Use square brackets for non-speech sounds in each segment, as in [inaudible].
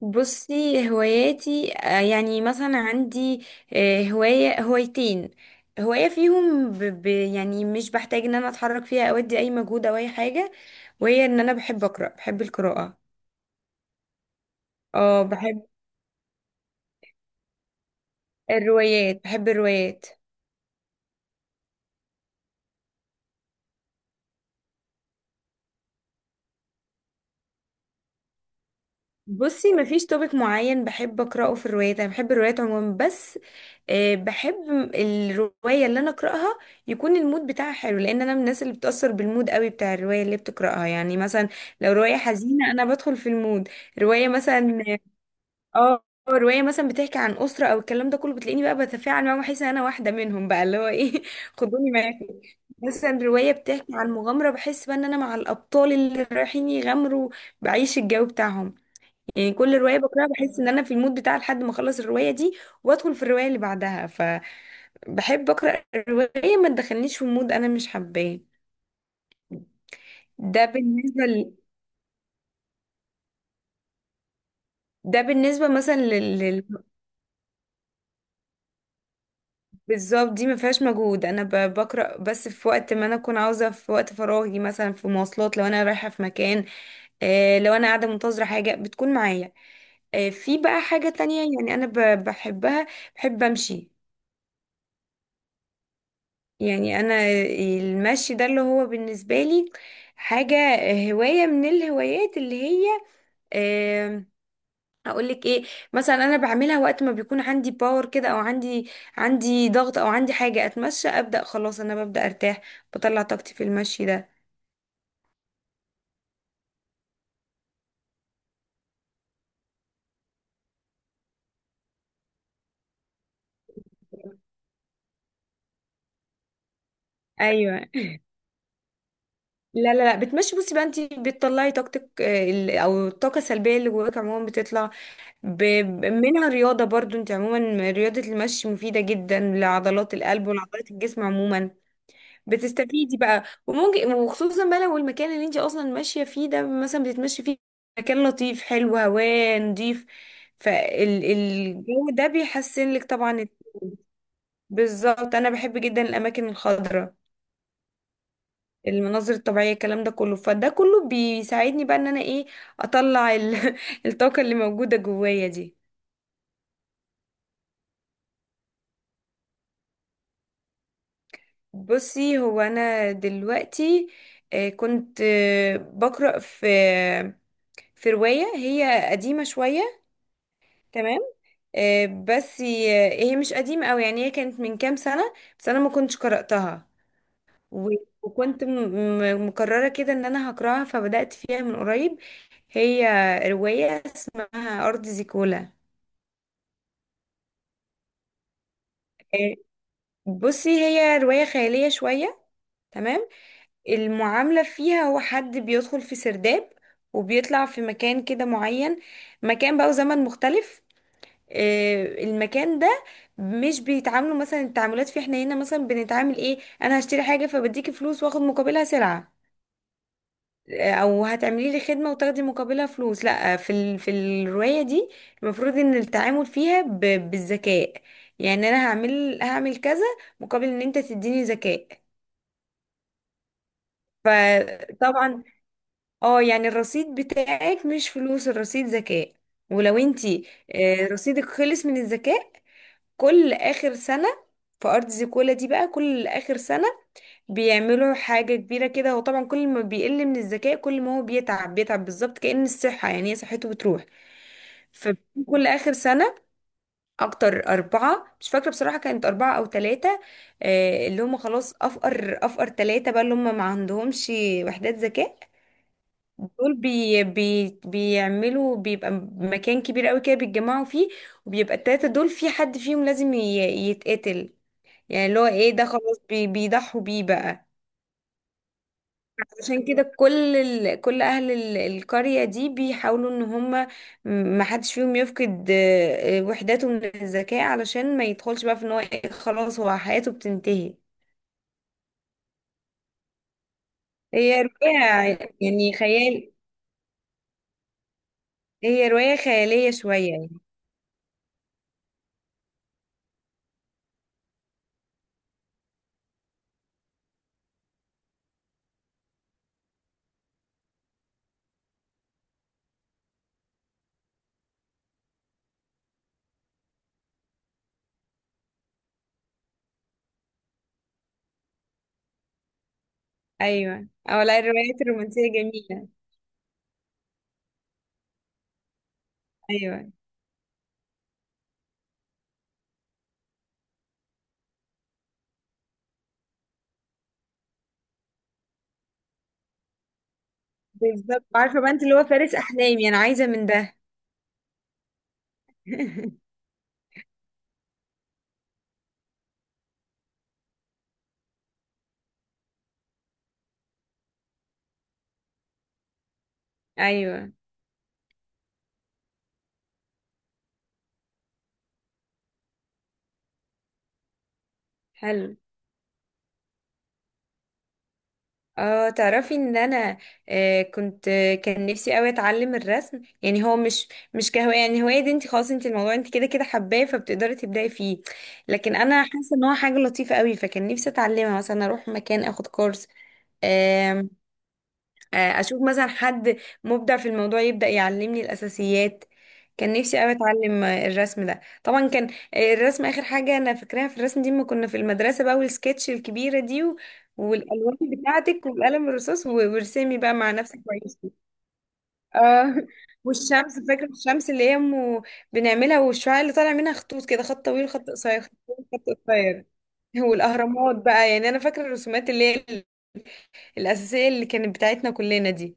بصي هواياتي، يعني مثلا عندي هواية هوايتين. هواية فيهم يعني مش بحتاج ان انا اتحرك فيها او ادي اي مجهود او اي حاجة، وهي ان انا بحب اقرأ، بحب القراءة. اه بحب الروايات، بحب الروايات. بصي مفيش توبيك معين بحب اقراه في الروايات، انا بحب الروايات عموما، بس بحب الروايه اللي انا اقراها يكون المود بتاعها حلو، لان انا من الناس اللي بتاثر بالمود قوي بتاع الروايه اللي بتقراها. يعني مثلا لو روايه حزينه انا بدخل في المود. روايه مثلا، اه، روايه مثلا بتحكي عن اسره او الكلام ده كله، بتلاقيني بقى بتفاعل معاهم واحس ان انا واحده منهم، بقى اللي هو ايه [laughs] خدوني معاكم. مثلا روايه بتحكي عن مغامره، بحس بقى ان انا مع الابطال اللي رايحين يغامروا، بعيش الجو بتاعهم. يعني كل رواية بقراها بحس ان انا في المود بتاع لحد ما اخلص الرواية دي وادخل في الرواية اللي بعدها. فبحب اقرا الرواية ما تدخلنيش في مود انا مش حباه. ده بالنسبة ل... ده بالنسبة مثلا بالظبط، دي ما فيهاش مجهود، انا بقرا بس في وقت ما انا اكون عاوزة، في وقت فراغي مثلا، في مواصلات لو انا رايحة في مكان، لو انا قاعدة منتظرة حاجة بتكون معايا. في بقى حاجة تانية يعني انا بحبها، بحب امشي. يعني انا المشي ده اللي هو بالنسبه لي حاجه، هوايه من الهوايات اللي هي، اقول لك ايه، مثلا انا بعملها وقت ما بيكون عندي باور كده، او عندي ضغط، او عندي حاجه، اتمشى ابدا خلاص انا ببدا ارتاح، بطلع طاقتي في المشي ده. ايوه. لا، بتمشي، بصي بقى، انت بتطلعي طاقتك، او الطاقه السلبيه اللي جواك عموما بتطلع ب- منها. رياضه برضو، انت عموما رياضه المشي مفيده جدا لعضلات القلب ولعضلات الجسم عموما، بتستفيدي بقى. وممكن، وخصوصا بقى لو المكان اللي انت اصلا ماشيه فيه ده مثلا، بتتمشي فيه مكان لطيف حلو هواه نضيف، فالجو ده بيحسن لك طبعا الطول. بالظبط، انا بحب جدا الاماكن الخضراء، المناظر الطبيعيه الكلام ده كله، فده كله بيساعدني بقى ان انا ايه، اطلع [laughs] الطاقه اللي موجوده جوايا دي. بصي هو انا دلوقتي كنت بقرا في روايه هي قديمه شويه. تمام. بس هي، هي مش قديمة أوي، يعني هي كانت من كام سنة بس أنا ما كنتش قرأتها. و- وكنت مقررة كده إن أنا هقرأها فبدأت فيها من قريب. هي رواية اسمها أرض زيكولا. آه، بصي هي رواية خيالية شوية. تمام. المعاملة فيها هو حد بيدخل في سرداب وبيطلع في مكان كده معين، مكان بقى وزمن مختلف. المكان ده مش بيتعاملوا مثلا، التعاملات في، احنا هنا مثلا بنتعامل ايه، انا هشتري حاجة فبديكي فلوس واخد مقابلها سلعة، او هتعملي لي خدمة وتاخدي مقابلها فلوس. لا، في في الرواية دي المفروض ان التعامل فيها بالذكاء. يعني انا هعمل، هعمل كذا مقابل ان انت تديني ذكاء. فطبعا، اه، يعني الرصيد بتاعك مش فلوس، الرصيد ذكاء. ولو انتي رصيدك خلص من الذكاء، كل اخر سنة في ارض كولا دي بقى، كل اخر سنة بيعملوا حاجة كبيرة كده. هو طبعا كل ما بيقل من الذكاء كل ما هو بيتعب، بيتعب بالظبط كأن الصحة، يعني هي صحته بتروح. فكل اخر سنة اكتر اربعة، مش فاكرة بصراحة كانت اربعة او ثلاثة، اللي هم خلاص افقر افقر ثلاثة بقى اللي هم ما عندهمش وحدات ذكاء، دول بي بي بيعملوا، بيبقى مكان كبير قوي كده بيتجمعوا فيه، وبيبقى التلاتة دول في حد فيهم لازم يتقتل. يعني اللي هو ايه، ده خلاص بي بيضحوا بيه بقى. عشان كده كل اهل القرية دي بيحاولوا ان هم ما حدش فيهم يفقد وحداته من الذكاء، علشان ما يدخلش بقى في ان هو إيه، خلاص هو حياته بتنتهي. هي رواية يعني خيال، هي رواية خيالية شوية يعني. ايوه، او لا الروايات الرومانسية جميلة. ايوه بالظبط، عارفة بقى انت اللي هو فارس احلامي انا عايزة من ده. [laughs] ايوه حلو. اه تعرفي ان انا كنت، كان نفسي قوي اتعلم الرسم. يعني هو مش كهوايه، يعني هوايه دي انت خلاص، انت الموضوع انت كده كده حباه فبتقدري تبداي فيه، لكن انا حاسه ان هو حاجه لطيفه قوي، فكان نفسي اتعلمها. مثلا اروح مكان اخد كورس، اشوف مثلا حد مبدع في الموضوع يبدأ يعلمني الاساسيات. كان نفسي قوي اتعلم الرسم ده. طبعا كان الرسم اخر حاجة انا فاكراها في الرسم دي ما كنا في المدرسة بقى، والسكتش الكبيرة دي، والالوان بتاعتك والقلم الرصاص، وارسمي بقى مع نفسك كويس. اه [laughs] والشمس، فاكرة الشمس اللي هي أم بنعملها، والشعاع اللي طالع منها خطوط كده، خط طويل خط قصير خط طويل خط قصير. [laughs] والاهرامات بقى. يعني انا فاكرة الرسومات اللي هي الاساسية اللي كانت بتاعتنا كلنا دي.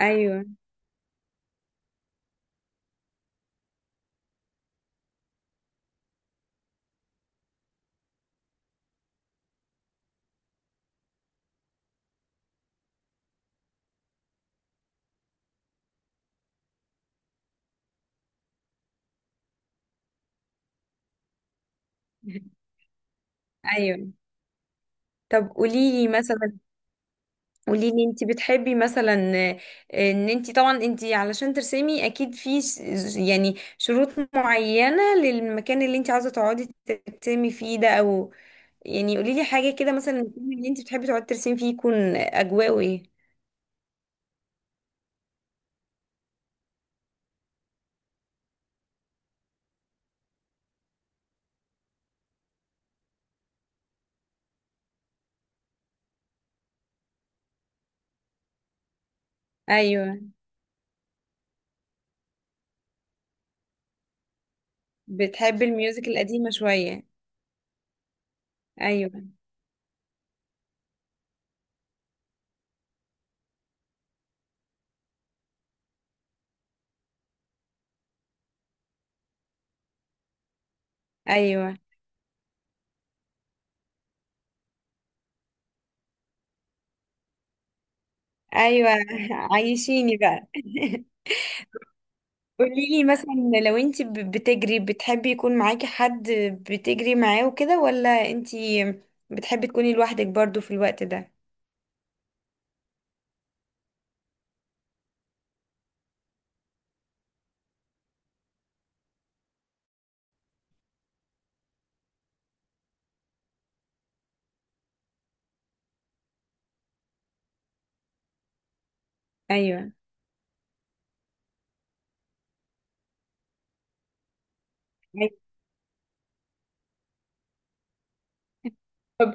ايوه ايوه. طب قوليلي مثلا، قوليلي انت بتحبي مثلا، ان انت طبعا، انت علشان ترسمي اكيد في يعني شروط معينة للمكان اللي انت عاوزة تقعدي ترسمي فيه ده، او يعني قوليلي حاجة كده مثلا، المكان اللي انت بتحبي تقعدي ترسمي فيه يكون اجواءه ايه. ايوه بتحبي الميوزك القديمة شوية. ايوه. ايوه ايوه [laughs] عايشيني بقى. [laughs] قولي لي مثلا، لو انت بتجري، بتحبي يكون معاكي حد بتجري معاه وكده، ولا انت بتحبي تكوني لوحدك برضو في الوقت ده. ايوه. أيوة. طب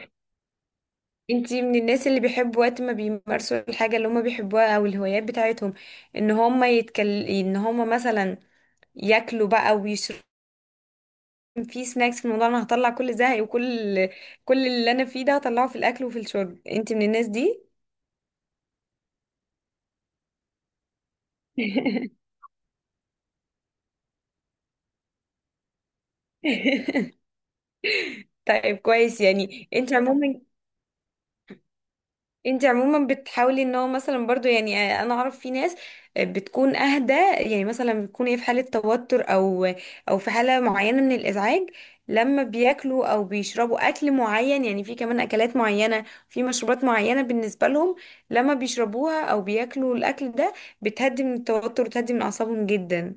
انت من الناس اللي بيحبوا وقت ما بيمارسوا الحاجة اللي هم بيحبوها او الهوايات بتاعتهم ان هم يتكل، ان هم مثلا ياكلوا بقى ويشربوا، في سناكس في الموضوع، انا هطلع كل زهقي وكل اللي انا فيه ده هطلعه في الاكل وفي الشرب، انت من الناس دي؟ [laughs] طيب كويس. يعني انت عموما، انت عموما بتحاولي ان هو مثلا برضو، يعني انا اعرف في ناس بتكون اهدى، يعني مثلا بتكون ايه في حالة توتر او في حالة معينة من الازعاج، لما بياكلوا او بيشربوا اكل معين، يعني في كمان اكلات معينة في مشروبات معينة بالنسبة لهم، لما بيشربوها او بياكلوا الاكل ده بتهدي من التوتر وتهدي من اعصابهم جدا.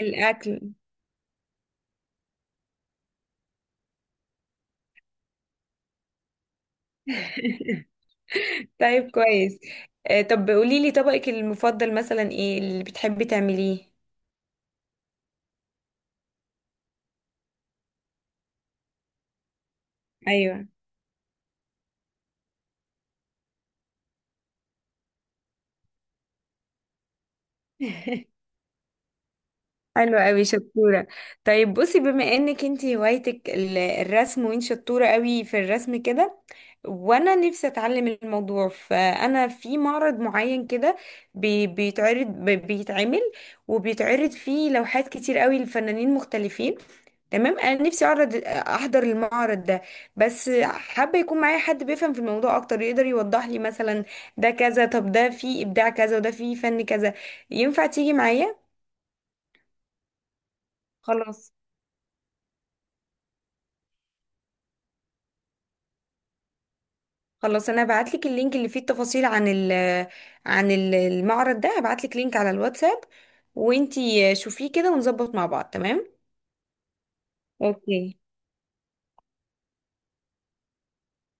الاكل. طيب كويس. طب قوليلي طبقك المفضل مثلا، ايه اللي بتحبي تعمليه. ايوه [laughs] حلوة قوي شطورة. طيب بصي، بما انك انتي هوايتك الرسم، وانت شطورة قوي في الرسم كده، وانا نفسي اتعلم الموضوع، فانا في معرض معين كده بيتعرض، بيتعمل وبيتعرض فيه لوحات كتير قوي لفنانين مختلفين. تمام. انا نفسي اعرض، احضر المعرض ده، بس حابة يكون معايا حد بيفهم في الموضوع اكتر، يقدر يوضح لي مثلا ده كذا، طب ده فيه ابداع كذا، وده فيه فن كذا. ينفع تيجي معايا؟ خلاص. خلاص انا هبعت لك اللينك اللي فيه التفاصيل عن عن المعرض ده، هبعت لك لينك على الواتساب، وانتي شوفيه كده ونظبط مع بعض. تمام. اوكي.